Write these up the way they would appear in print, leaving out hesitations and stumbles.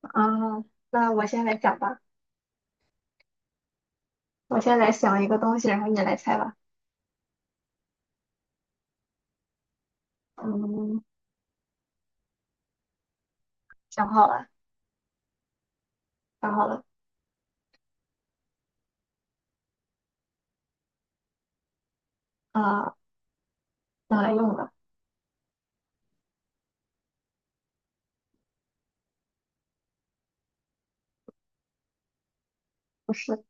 啊，那我先来讲吧，我先来想一个东西，然后你来猜吧。嗯，想好了，想好了，啊、用来用的，不是，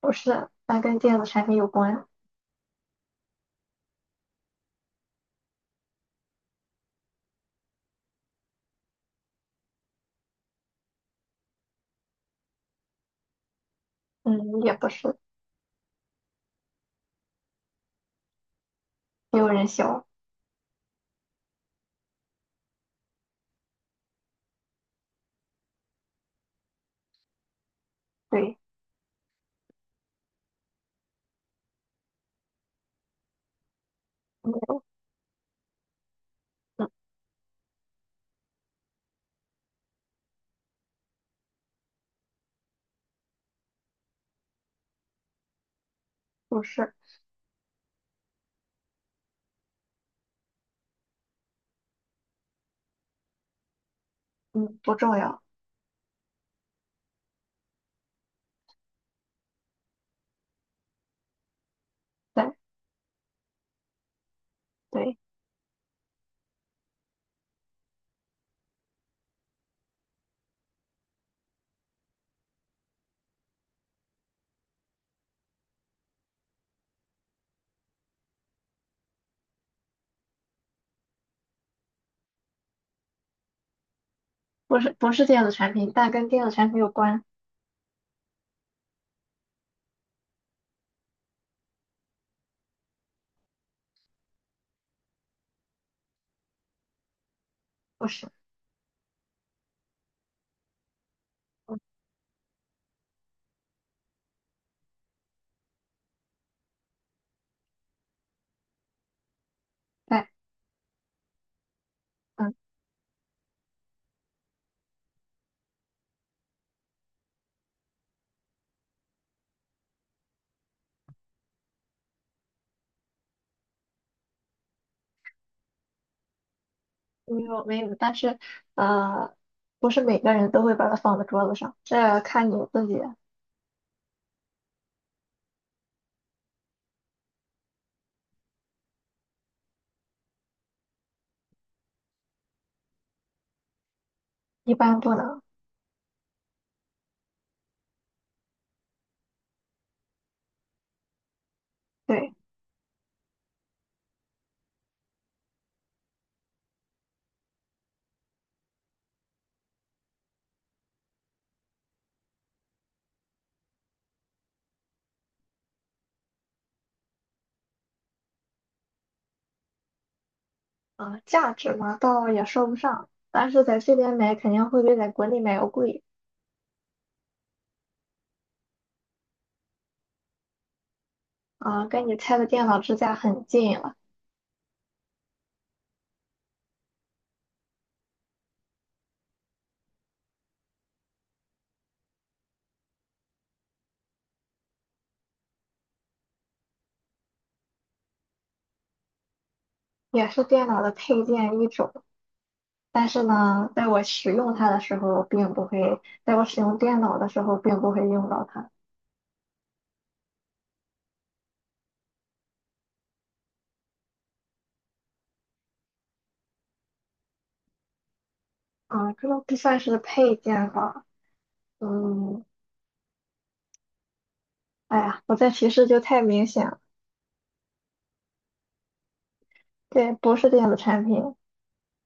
不是，它跟电子产品有关，嗯，也不是，也有人想。对，没有，嗯，不是，嗯，不重要，对，对，不是，不是电子产品，但跟电子产品有关，不是，嗯，对，嗯，没有，没有，但是，呃，不是每个人都会把它放在桌子上，这看你自己，一般不能，对。啊，价值嘛，倒也说不上，但是在这边买肯定会比在国内买要贵啊，跟你拆的电脑支架很近了，也是电脑的配件一种。但是呢，在我使用它的时候，并不会，在我使用电脑的时候，并不会用到它。啊，这都不算是配件吧？嗯，哎呀，我这提示就太明显了，对，不是电子产品，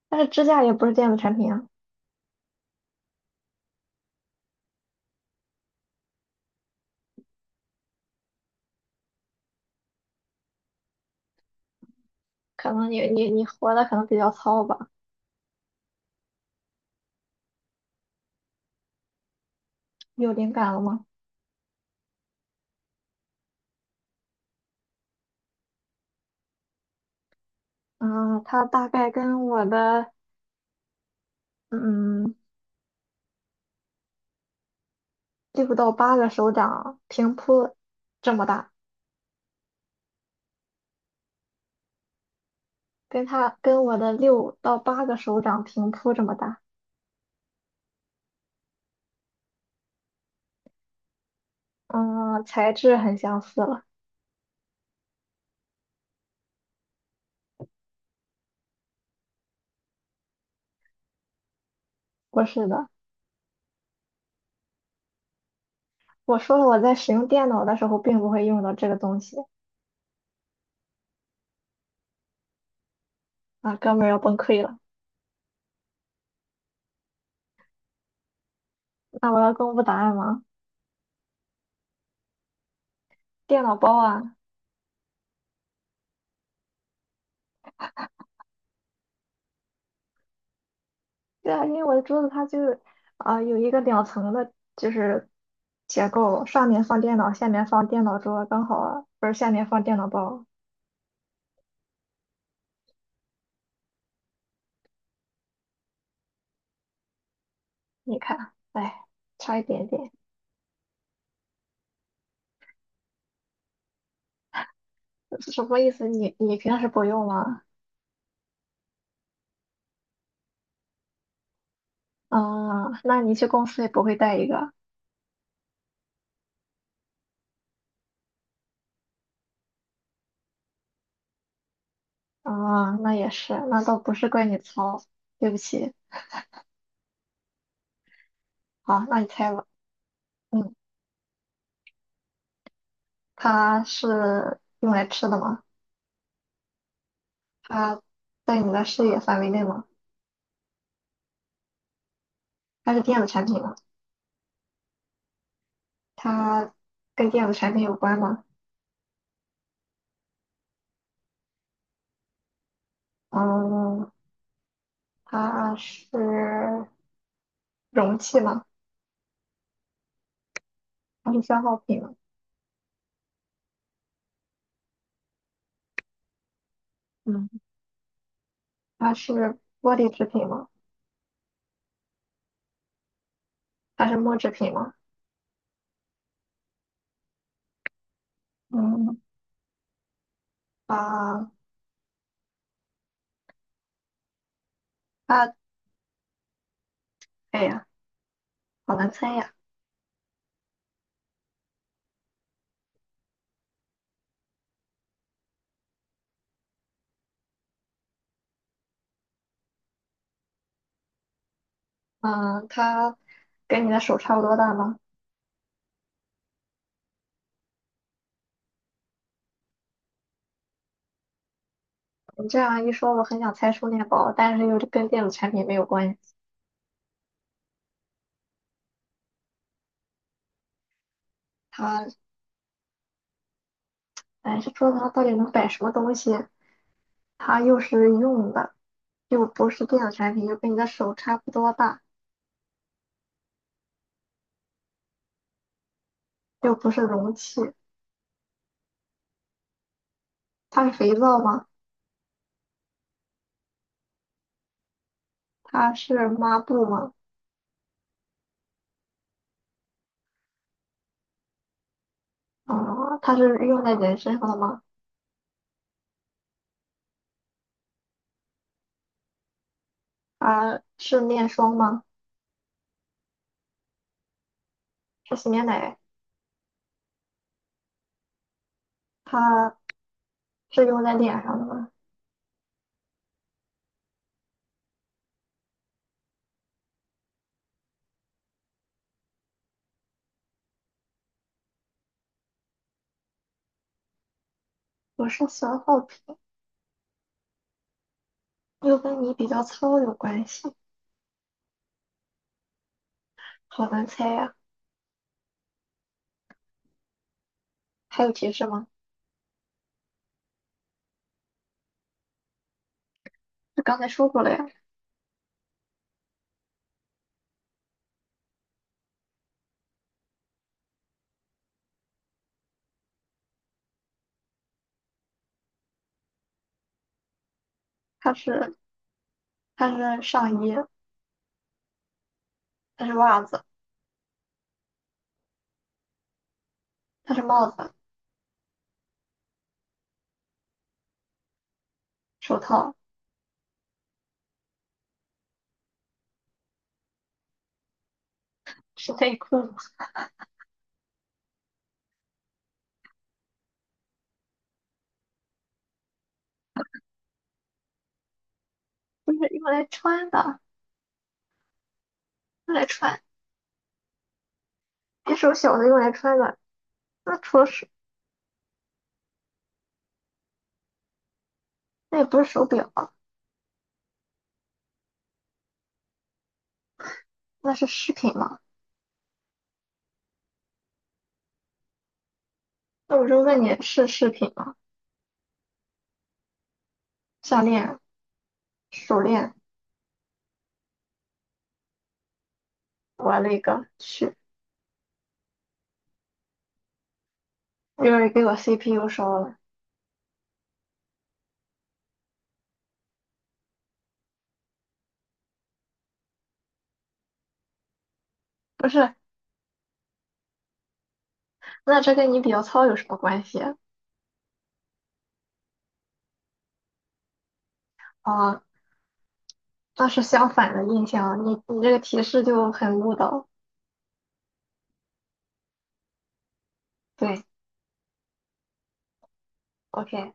但是支架也不是电子产品啊。可能你活的可能比较糙吧？有灵感了吗？嗯，它大概跟我的嗯六到八个手掌平铺这么大，跟我的六到八个手掌平铺这么大。嗯，材质很相似了。不是的，我说了我在使用电脑的时候并不会用到这个东西啊，哥们儿要崩溃了。那我要公布答案吗？电脑包啊，对啊，因为我的桌子它就是有一个两层的，就是结构，上面放电脑，下面放电脑桌，刚好不是下面放电脑包。你看，哎，差一点点，什么意思？你平时不用吗？啊，那你去公司也不会带一个啊？那也是，那倒不是怪你糙，对不起。好，那你猜吧。嗯，它是用来吃的吗？它在你的视野范围内吗？它是电子产品吗？它跟电子产品有关吗？嗯，它是容器吗？它是消耗品吗？嗯，它是玻璃制品吗？它是木制品吗？嗯啊，啊！哎呀，好难猜呀。嗯，它跟你的手差不多大吗？你这样一说，我很想猜充电宝，但是又跟电子产品没有关系。它，哎，这桌子上到底能摆什么东西？它又是用的，又不是电子产品，又跟你的手差不多大，又不是容器。它是肥皂吗？它是抹布吗？它是用在人身上的吗？它是面霜吗？是洗面奶？它是用在脸上的吗？我是喜耗，品又跟你比较糙有关系，好难猜呀。还有提示吗？就刚才说过了呀，它是它是上衣，它是袜子，它是帽子、手套，是内裤吗？不是用来穿的，用来穿，别手小的用来穿的。那除了手，那也不是手表啊，那是饰品吗？那我就问你是饰品吗？项链、手链，我了个，去，又是给我 CPU 烧了。不是，那这跟你比较糙有什么关系啊？啊倒是相反的印象，你这个提示就很误导。对，OK，